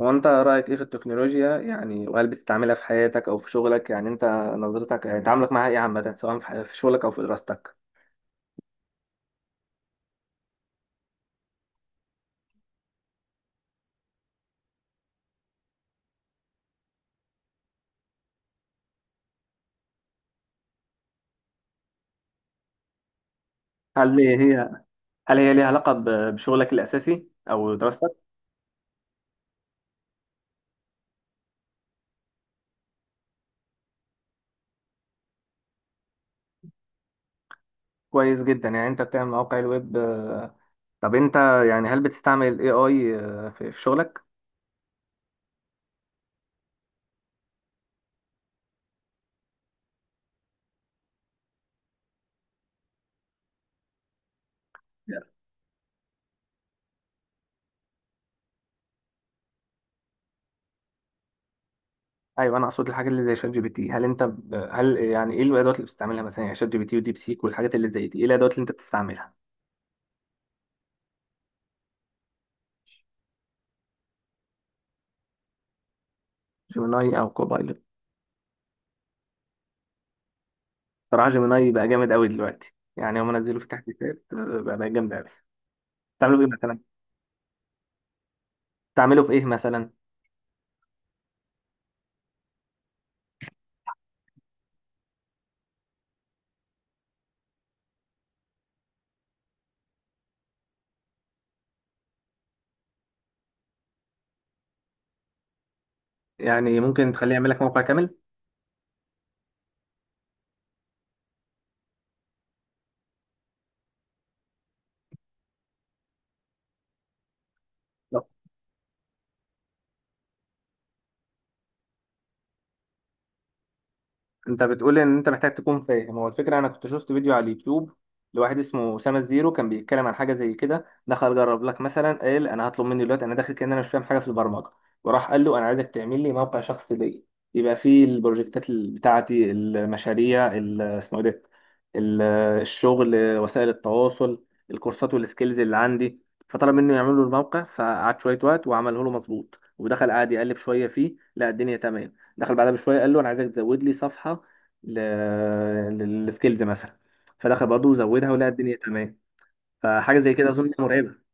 هو انت رايك ايه في التكنولوجيا، يعني وهل بتستعملها في حياتك او في شغلك؟ يعني انت نظرتك، يعني تعاملك معاها ايه عامه، سواء في شغلك او في دراستك؟ هل هي هل هي ليها علاقه بشغلك الاساسي او دراستك؟ كويس جدا. يعني انت بتعمل مواقع الويب؟ طب انت، يعني هل بتستعمل الاي اي في شغلك؟ ايوه، انا اقصد الحاجات اللي زي شات جي بي تي. هل، يعني ايه الادوات اللي بتستعملها مثلا؟ يعني شات جي بي تي وديب سيك والحاجات اللي زي دي، ايه الادوات اللي انت بتستعملها؟ جيميناي او كوبايلوت؟ صراحة جيميناي بقى جامد قوي دلوقتي، يعني هم نزلوا في تحديثات. بقى جامد قوي. تعملوا ايه مثلا؟ تعمله في ايه مثلا؟ يعني ممكن تخليه يعمل لك موقع كامل؟ انت بتقول ان انت محتاج تكون فاهم. هو الفكره، انا كنت شفت فيديو على اليوتيوب لواحد اسمه اسامه الزيرو، كان بيتكلم عن حاجه زي كده. دخل جرب لك مثلا، قال انا هطلب مني دلوقتي، انا داخل كان انا مش فاهم حاجه في البرمجه، وراح قال له انا عايزك تعمل لي موقع شخصي ليا، يبقى فيه البروجكتات بتاعتي، المشاريع اسمه ايه ده، ال- الشغل، وسائل التواصل، الكورسات والسكيلز اللي عندي. فطلب منه يعمل له الموقع، فقعد شويه وقت وعمله له مظبوط. ودخل قعد يقلب شويه فيه، لا، الدنيا تمام. دخل بعدها بشويه قال له انا عايزك تزود لي صفحه للسكيلز مثلا، فدخل برضه زودها، ولقى الدنيا تمام. فحاجه زي كده اظن إنها مرعبه.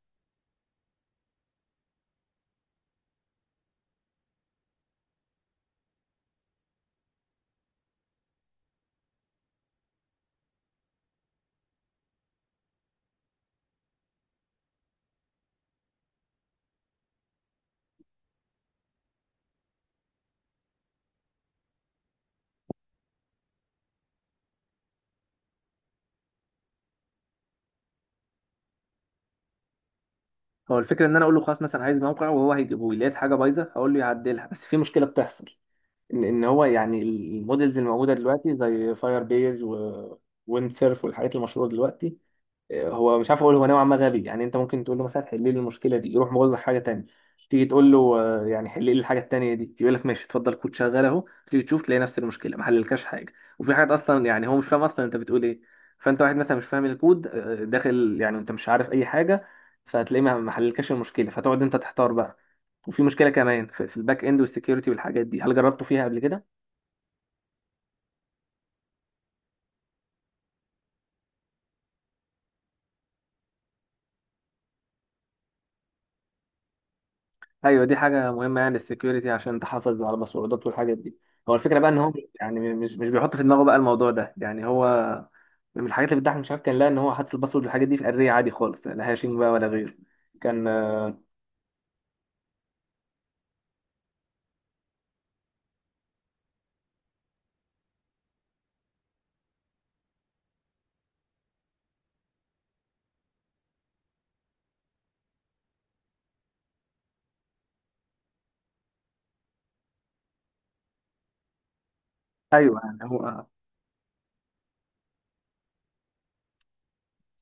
هو الفكره ان انا اقول له خلاص مثلا عايز موقع، وهو هيجيبه لي، لقيت حاجه بايظه هقول له يعدلها. بس في مشكله بتحصل، ان هو، يعني المودلز الموجوده دلوقتي زي فاير بيز و ويند سيرف والحاجات المشهوره دلوقتي، هو مش عارف. اقول هو نوعا ما غبي، يعني انت ممكن تقول له مثلا حل لي المشكله دي، يروح مغلق حاجه تانية. تيجي تقول له، يعني حل لي الحاجه التانية دي، يقول لك ماشي اتفضل كود شغال اهو. تيجي تشوف، تلاقي نفس المشكله ما حللكش حاجه. وفي حاجات اصلا يعني هو مش فاهم اصلا انت بتقول ايه. فانت واحد مثلا مش فاهم الكود، داخل، يعني انت مش عارف اي حاجه، فهتلاقيه ما حللكش المشكله، فتقعد انت تحتار بقى. وفي مشكله كمان في الباك اند والسكيورتي والحاجات دي. هل جربته فيها قبل كده؟ ايوه، دي حاجه مهمه، يعني السكيورتي عشان تحافظ على المسروقات والحاجات دي. هو الفكره بقى ان هو، يعني مش بيحط في دماغه بقى الموضوع ده. يعني هو من الحاجات اللي بتضحك، مش عارف، كان لا ان هو حاطط الباسورد والحاجات دي في اريه عادي خالص، لا هاشing بقى ولا غيره. كان ايوه، يعني هو.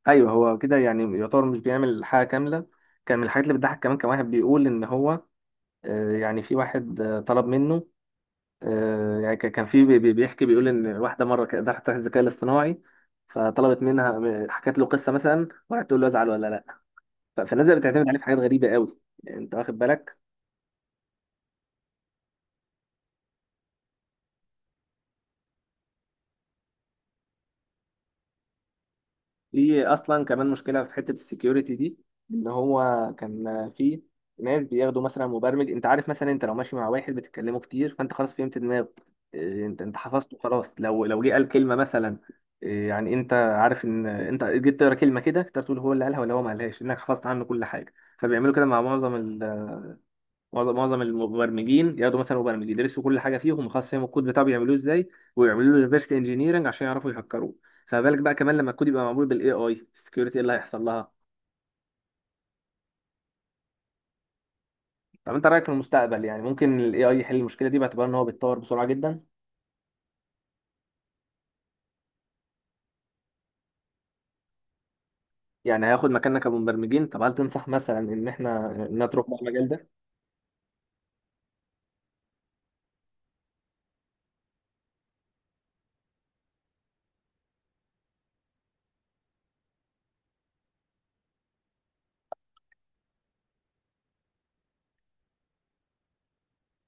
ايوه، هو كده يعني يعتبر مش بيعمل حاجه كامله. كان من الحاجات اللي بتضحك كمان، كان واحد بيقول ان هو، يعني في واحد، طلب منه، يعني كان في بيحكي، بيقول ان واحده مره كانت دخلت تحت الذكاء الاصطناعي، فطلبت منها، حكت له قصه مثلا وقعدت تقول له ازعل ولا لا. فالناس بقت بتعتمد عليه في حاجات غريبه قوي. يعني انت واخد بالك؟ في اصلا كمان مشكله في حته السكيورتي دي، ان هو كان في ناس بياخدوا مثلا مبرمج. انت عارف مثلا انت لو ماشي مع واحد بتتكلموا كتير، فانت خلاص فهمت دماغه. إيه، انت حفظته خلاص، لو جه قال كلمه مثلا، إيه، يعني انت عارف ان انت جيت تقرا كلمه كده تقدر تقول هو اللي قالها ولا هو ما قالهاش، انك حفظت عنه كل حاجه. فبيعملوا كده مع معظم المبرمجين. ياخدوا مثلا مبرمج، يدرسوا كل حاجه فيهم، وخلاص فاهم الكود بتاعه بيعملوه ازاي، ويعملوا له ريفرس انجينيرنج عشان يعرفوا يهكروه. فما بالك بقى كمان لما الكود يبقى معمول بالاي اي، السكيورتي ايه اللي هيحصل لها؟ طب انت رايك في المستقبل، يعني ممكن الاي اي يحل المشكله دي، باعتبار ان هو بيتطور بسرعه جدا؟ يعني هياخد مكاننا كمبرمجين؟ طب هل تنصح مثلا ان احنا نترك بقى المجال ده؟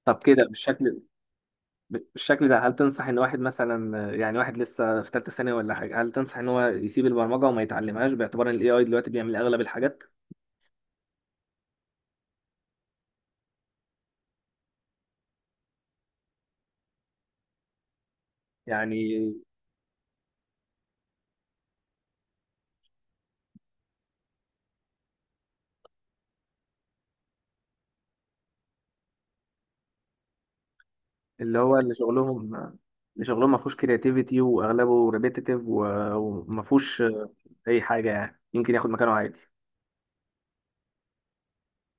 طب كده بالشكل ده هل تنصح ان واحد مثلا، يعني واحد لسه في ثالثه ثانوي ولا حاجه، هل تنصح ان هو يسيب البرمجه وما يتعلمهاش، باعتبار ان الاي اي دلوقتي بيعمل اغلب الحاجات؟ يعني اللي هو، اللي شغلهم ما فيهوش كرياتيفيتي واغلبه ريبيتيتيف وما فيهوش اي حاجه، يعني يمكن ياخد مكانه عادي.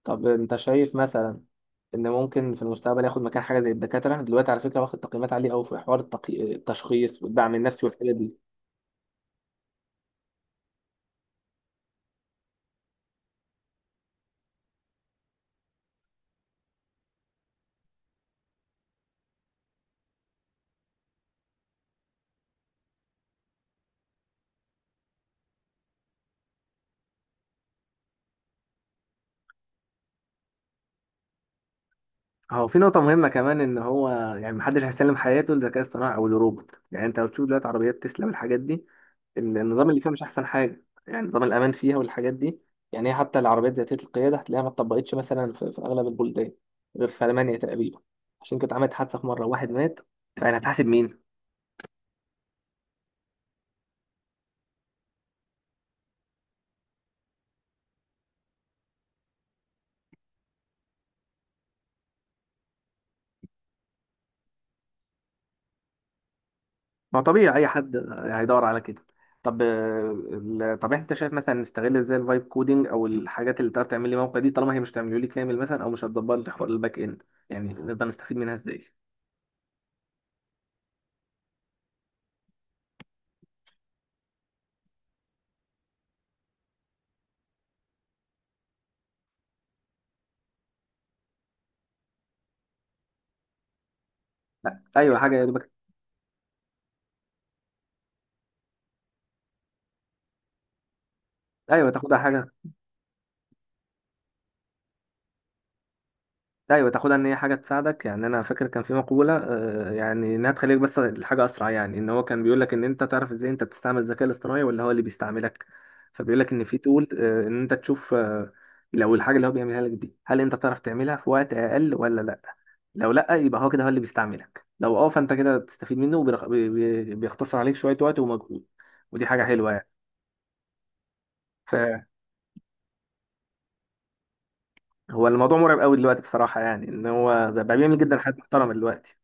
طب انت شايف مثلا ان ممكن في المستقبل ياخد مكان حاجه زي الدكاتره؟ دلوقتي على فكره واخد تقييمات عاليه قوي في حوار التشخيص والدعم النفسي والحاجات دي. هو في نقطة مهمة كمان إن هو، يعني محدش هيسلم حياته للذكاء الاصطناعي أو للروبوت، يعني أنت لو تشوف دلوقتي عربيات تسلا والحاجات دي، النظام اللي فيها مش احسن حاجه، يعني نظام الامان فيها والحاجات دي. يعني هي حتى العربيات ذاتيه القياده هتلاقيها ما اتطبقتش مثلا في اغلب البلدان غير في المانيا تقريبا، عشان كانت عملت حادثه في مره واحد مات. فانا هتحاسب مين؟ ما طبيعي اي حد هيدور على كده. طب طب انت شايف مثلا نستغل ازاي الفايب كودينج او الحاجات اللي تقدر تعمل لي موقع دي، طالما هي مش تعمله لي كامل مثلا او مش هتدبر لي حوار الباك اند، يعني نقدر نستفيد منها ازاي؟ لا، ايوه، حاجه يا دوبك. ايوه تاخدها حاجه. ايوه تاخدها ان هي حاجه تساعدك. يعني انا فاكر كان في مقوله، يعني انها تخليك بس الحاجه اسرع. يعني ان هو كان بيقول لك ان انت تعرف ازاي انت بتستعمل الذكاء الاصطناعي ولا هو اللي بيستعملك. فبيقول لك ان في تول، ان انت تشوف، لو الحاجه اللي هو بيعملها لك دي هل انت تعرف تعملها في وقت اقل ولا لا. لو لا، يبقى هو كده هو اللي بيستعملك. لو اه، فانت كده تستفيد منه، وبيرخ- بي- بي- بيختصر عليك شويه وقت ومجهود، ودي حاجه حلوه يعني. فهو الموضوع مرعب قوي دلوقتي بصراحه، يعني ان هو بقى بيعمل جدا حاجات محترمه دلوقتي.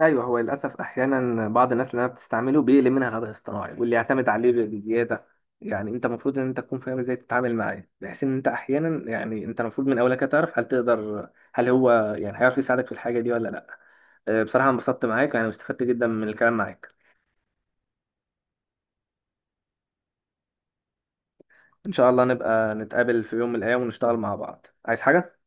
ايوه، هو للاسف احيانا بعض الناس اللي انا بتستعمله بيقلل منها غباء اصطناعي واللي يعتمد عليه بزياده. يعني انت المفروض ان انت تكون فاهم ازاي تتعامل معاه، بحيث ان انت احيانا يعني انت المفروض من اولك تعرف هل تقدر، هل هو يعني هيعرف يساعدك في الحاجه دي ولا لا. أه، بصراحه انبسطت معاك، يعني واستفدت جدا من الكلام معاك. ان شاء الله نبقى نتقابل في يوم من الايام ونشتغل مع بعض. عايز حاجه.